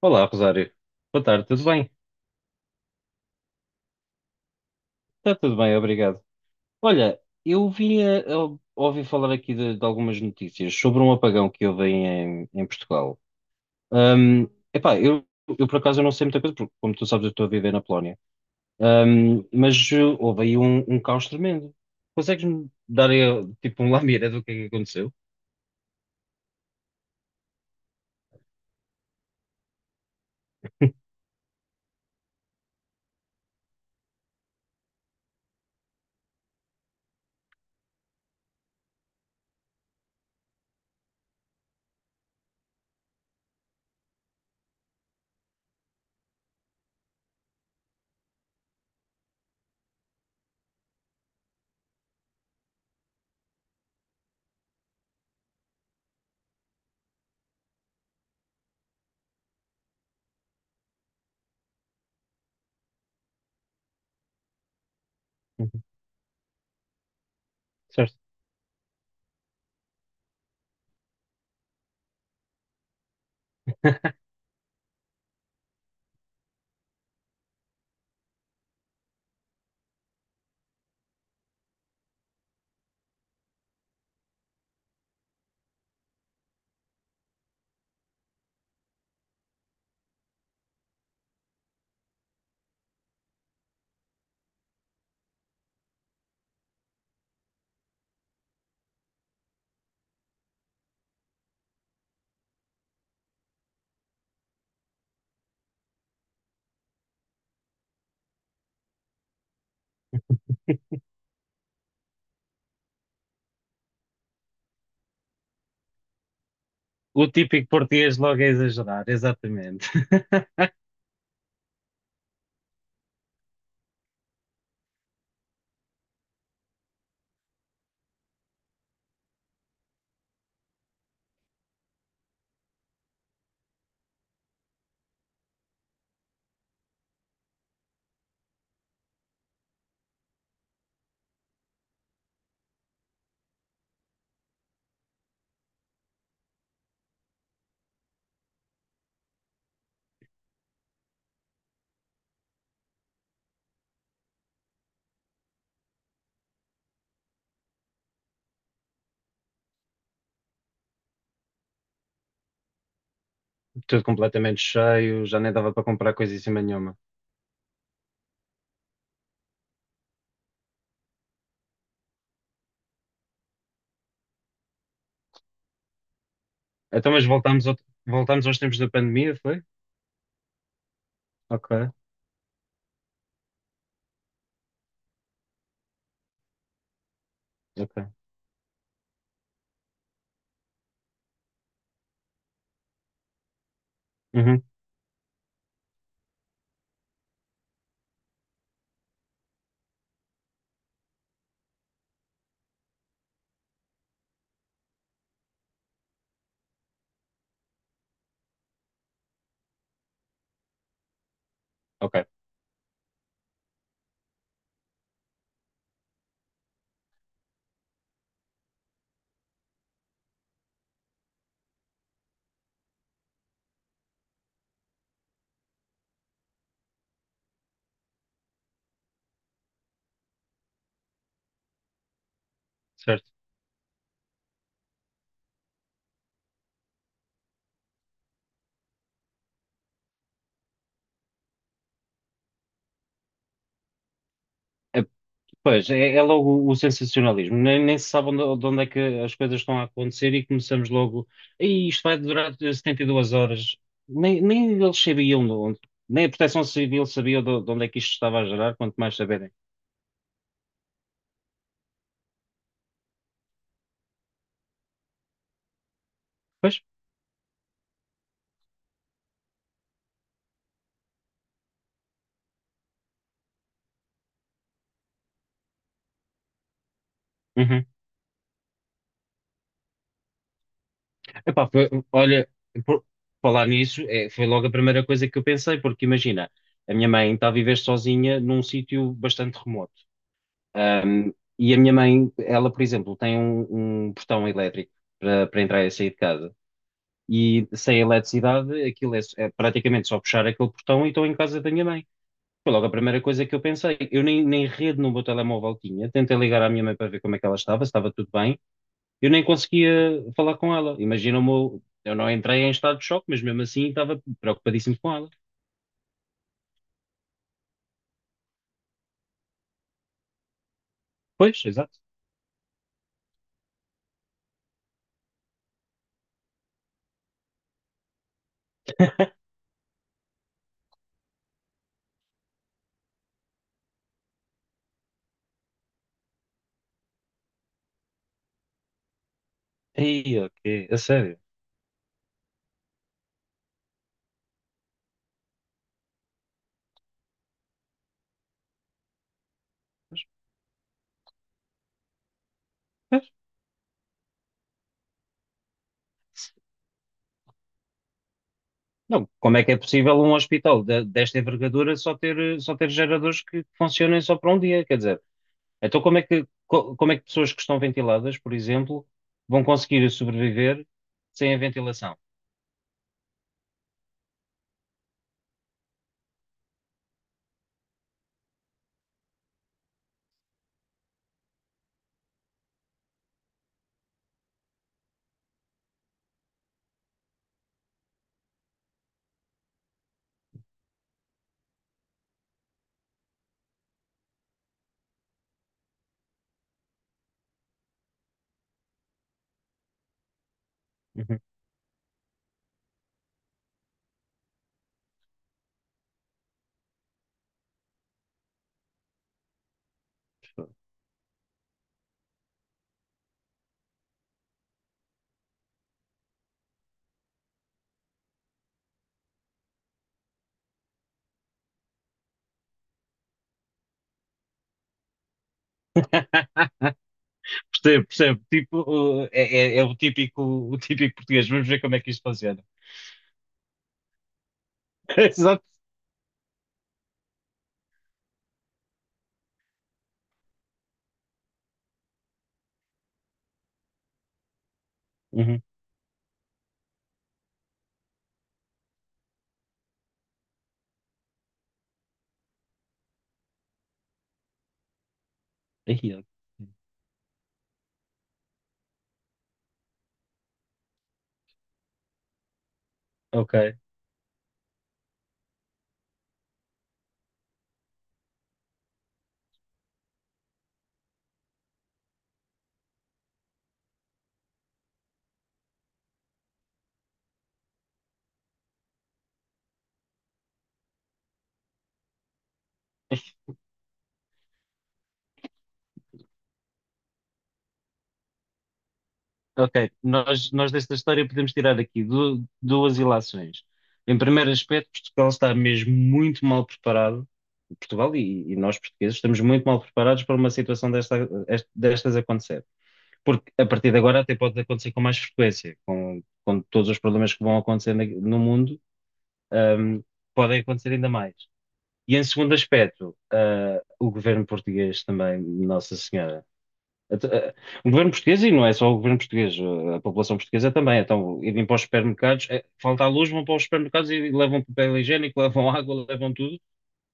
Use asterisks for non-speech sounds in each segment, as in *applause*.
Olá, Rosário. Boa tarde, tudo bem? Está tudo bem, obrigado. Olha, eu ouvi falar aqui de algumas notícias sobre um apagão que houve em Portugal. Ahm, epá, eu por acaso eu não sei muita coisa, porque como tu sabes eu estou a viver na Polónia. Mas houve aí um caos tremendo. Consegues-me dar aí, tipo um lamiré do que é que aconteceu? Uhum. Certo. O típico português logo a exagerar, exatamente. *laughs* Tudo completamente cheio, já nem dava para comprar coisa em cima nenhuma. Então, mas voltamos aos tempos da pandemia, foi? Ok, ok. Uhum, ok, certo. É. Pois, é logo o sensacionalismo. Nem se sabe de onde é que as coisas estão a acontecer e começamos logo. E isto vai durar 72 horas. Nem eles sabiam de onde. Nem a Proteção Civil sabia de onde é que isto estava a gerar, quanto mais saberem. Pois? Uhum. Epá, olha, por falar nisso, é, foi logo a primeira coisa que eu pensei, porque imagina. A minha mãe está a viver sozinha num sítio bastante remoto. Um, e a minha mãe, ela, por exemplo, tem um portão elétrico para entrar e sair de casa. E sem eletricidade, aquilo é praticamente só puxar aquele portão e estou em casa da minha mãe. Foi logo a primeira coisa que eu pensei. Eu nem rede no meu telemóvel tinha. Tentei ligar à minha mãe para ver como é que ela estava, se estava tudo bem. Eu nem conseguia falar com ela. Imagina o meu. Eu não entrei em estado de choque, mas mesmo assim estava preocupadíssimo com ela. Pois, exato. Ei, ok, a sério. Pois, pois. Não, como é que é possível um hospital desta envergadura só ter geradores que funcionem só para um dia? Quer dizer, então como é que pessoas que estão ventiladas, por exemplo, vão conseguir sobreviver sem a ventilação? Uhum. *laughs* Percebo, percebo. Tipo, uh, é, é o típico português. Vamos ver como é que isto funciona. *laughs* Exato. Uhum. Aí, ok, ok. Nós desta história podemos tirar aqui duas ilações. Em primeiro aspecto, Portugal está mesmo muito mal preparado. Portugal e nós portugueses estamos muito mal preparados para uma situação desta, destas acontecer. Porque a partir de agora até pode acontecer com mais frequência, com todos os problemas que vão acontecer no mundo, ahm, podem acontecer ainda mais. E em segundo aspecto, o governo português também, Nossa Senhora. Até- ah, O governo português, e não é só o governo português, a população portuguesa também. Então, irem para os supermercados, falta a luz, vão para os supermercados e levam papel higiênico, *laughs* levam água, levam tudo.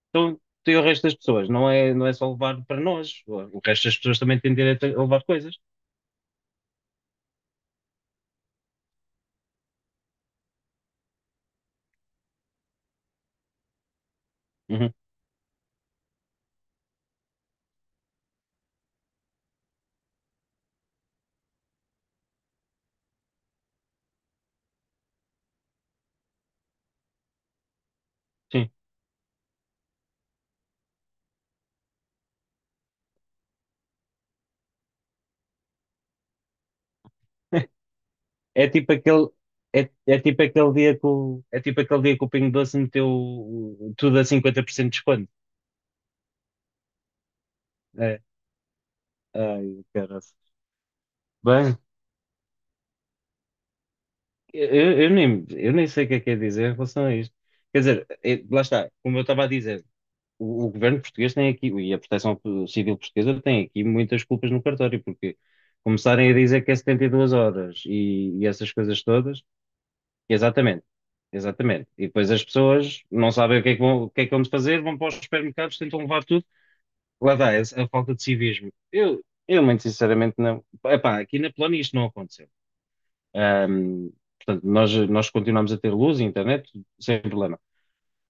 Então, tem o resto das pessoas, não é só levar para nós. O resto das pessoas também têm direito a levar coisas. Uhum, sim. *laughs* É tipo aquele, é tipo aquele dia que o, é tipo aquele dia que o Pingo Doce meteu tudo a 50% de desconto. É. Ai, caralho. Bem, eu nem sei o que é dizer em relação a isto. Quer dizer, lá está, como eu estava a dizer, o governo português tem aqui, e a Proteção Civil Portuguesa tem aqui muitas culpas no cartório, porque começarem a dizer que é 72 horas e essas coisas todas, exatamente, exatamente. E depois as pessoas não sabem o que é que vão fazer, vão para os supermercados, tentam levar tudo. Lá dá, a falta de civismo. Eu muito sinceramente não. Epá, aqui na Polónia isto não aconteceu. Ahm, Portanto, nós continuamos a ter luz e internet sem problema.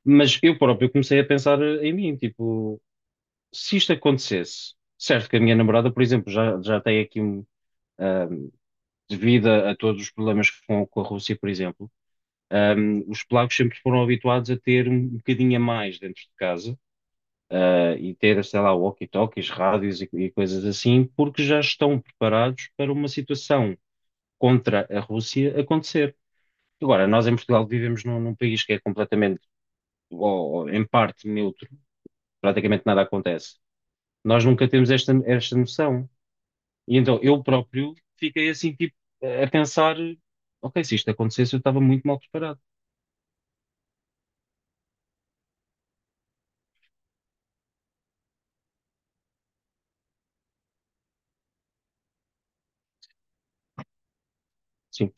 Mas eu próprio comecei a pensar em mim, tipo, se isto acontecesse, certo que a minha namorada, por exemplo, já tem aqui um, um, devido a todos os problemas com a Rússia, por exemplo, os polacos sempre foram habituados a ter um bocadinho a mais dentro de casa, e ter, sei lá, walkie-talkies, rádios e coisas assim, porque já estão preparados para uma situação contra a Rússia acontecer. Agora, nós em Portugal vivemos num país que é completamente, ou em parte, neutro, praticamente nada acontece. Nós nunca temos esta noção. E então eu próprio fiquei assim, tipo, a pensar: ok, se isto acontecesse, eu estava muito mal preparado. Sim,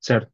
certo.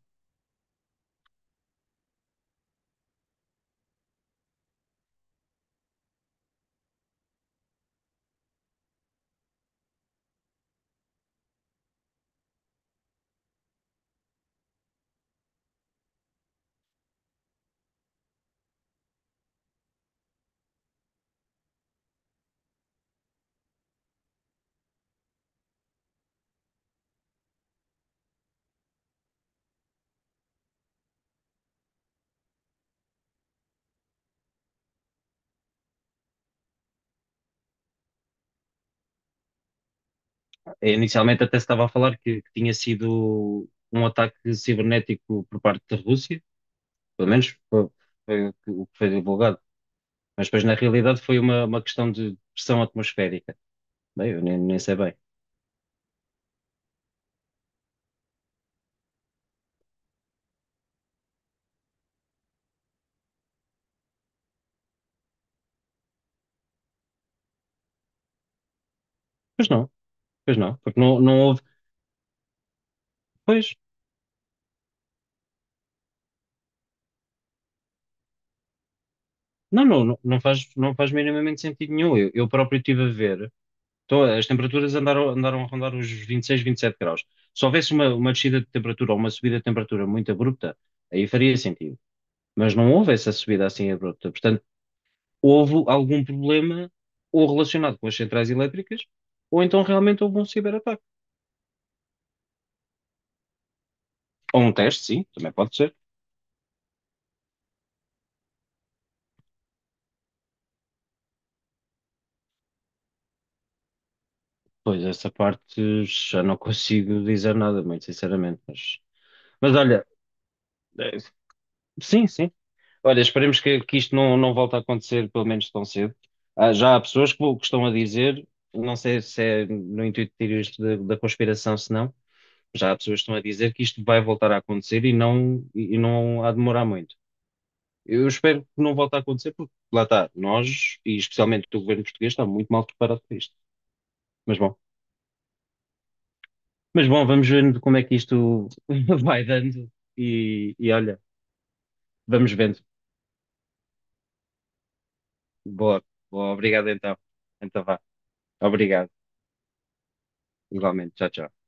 É, inicialmente até se estava a falar que tinha sido um ataque cibernético por parte da Rússia, pelo menos foi o que foi divulgado. Mas depois, na realidade, foi uma questão de pressão atmosférica. Bem, eu nem sei bem. Pois não, pois não, porque não houve. Pois, não, não, não não faz minimamente sentido nenhum. Eu próprio estive a ver. Então, as temperaturas andaram a rondar os 26, 27 graus. Se houvesse uma descida de temperatura ou uma subida de temperatura muito abrupta, aí faria sentido. Mas não houve essa subida assim abrupta. Portanto, houve algum problema ou relacionado com as centrais elétricas, ou então realmente houve um ciberataque. Ou um teste, sim, também pode ser. Pois, essa parte já não consigo dizer nada, muito sinceramente. Mas olha, eh, sim, sim. Olha, esperemos que isto não volte a acontecer, pelo menos tão cedo. Ah, já há pessoas que estão a dizer, não sei se é no intuito de tirar isto da conspiração, se não, já há pessoas que estão a dizer que isto vai voltar a acontecer e não há de demorar muito. Eu espero que não volte a acontecer, porque lá está, nós, e especialmente o governo português, está muito mal preparado para isto. Mas bom, mas bom, vamos ver como é que isto *laughs* vai dando e olha, vamos vendo. Boa, boa, obrigado então. Então vá, obrigado, igualmente, tchau, tchau.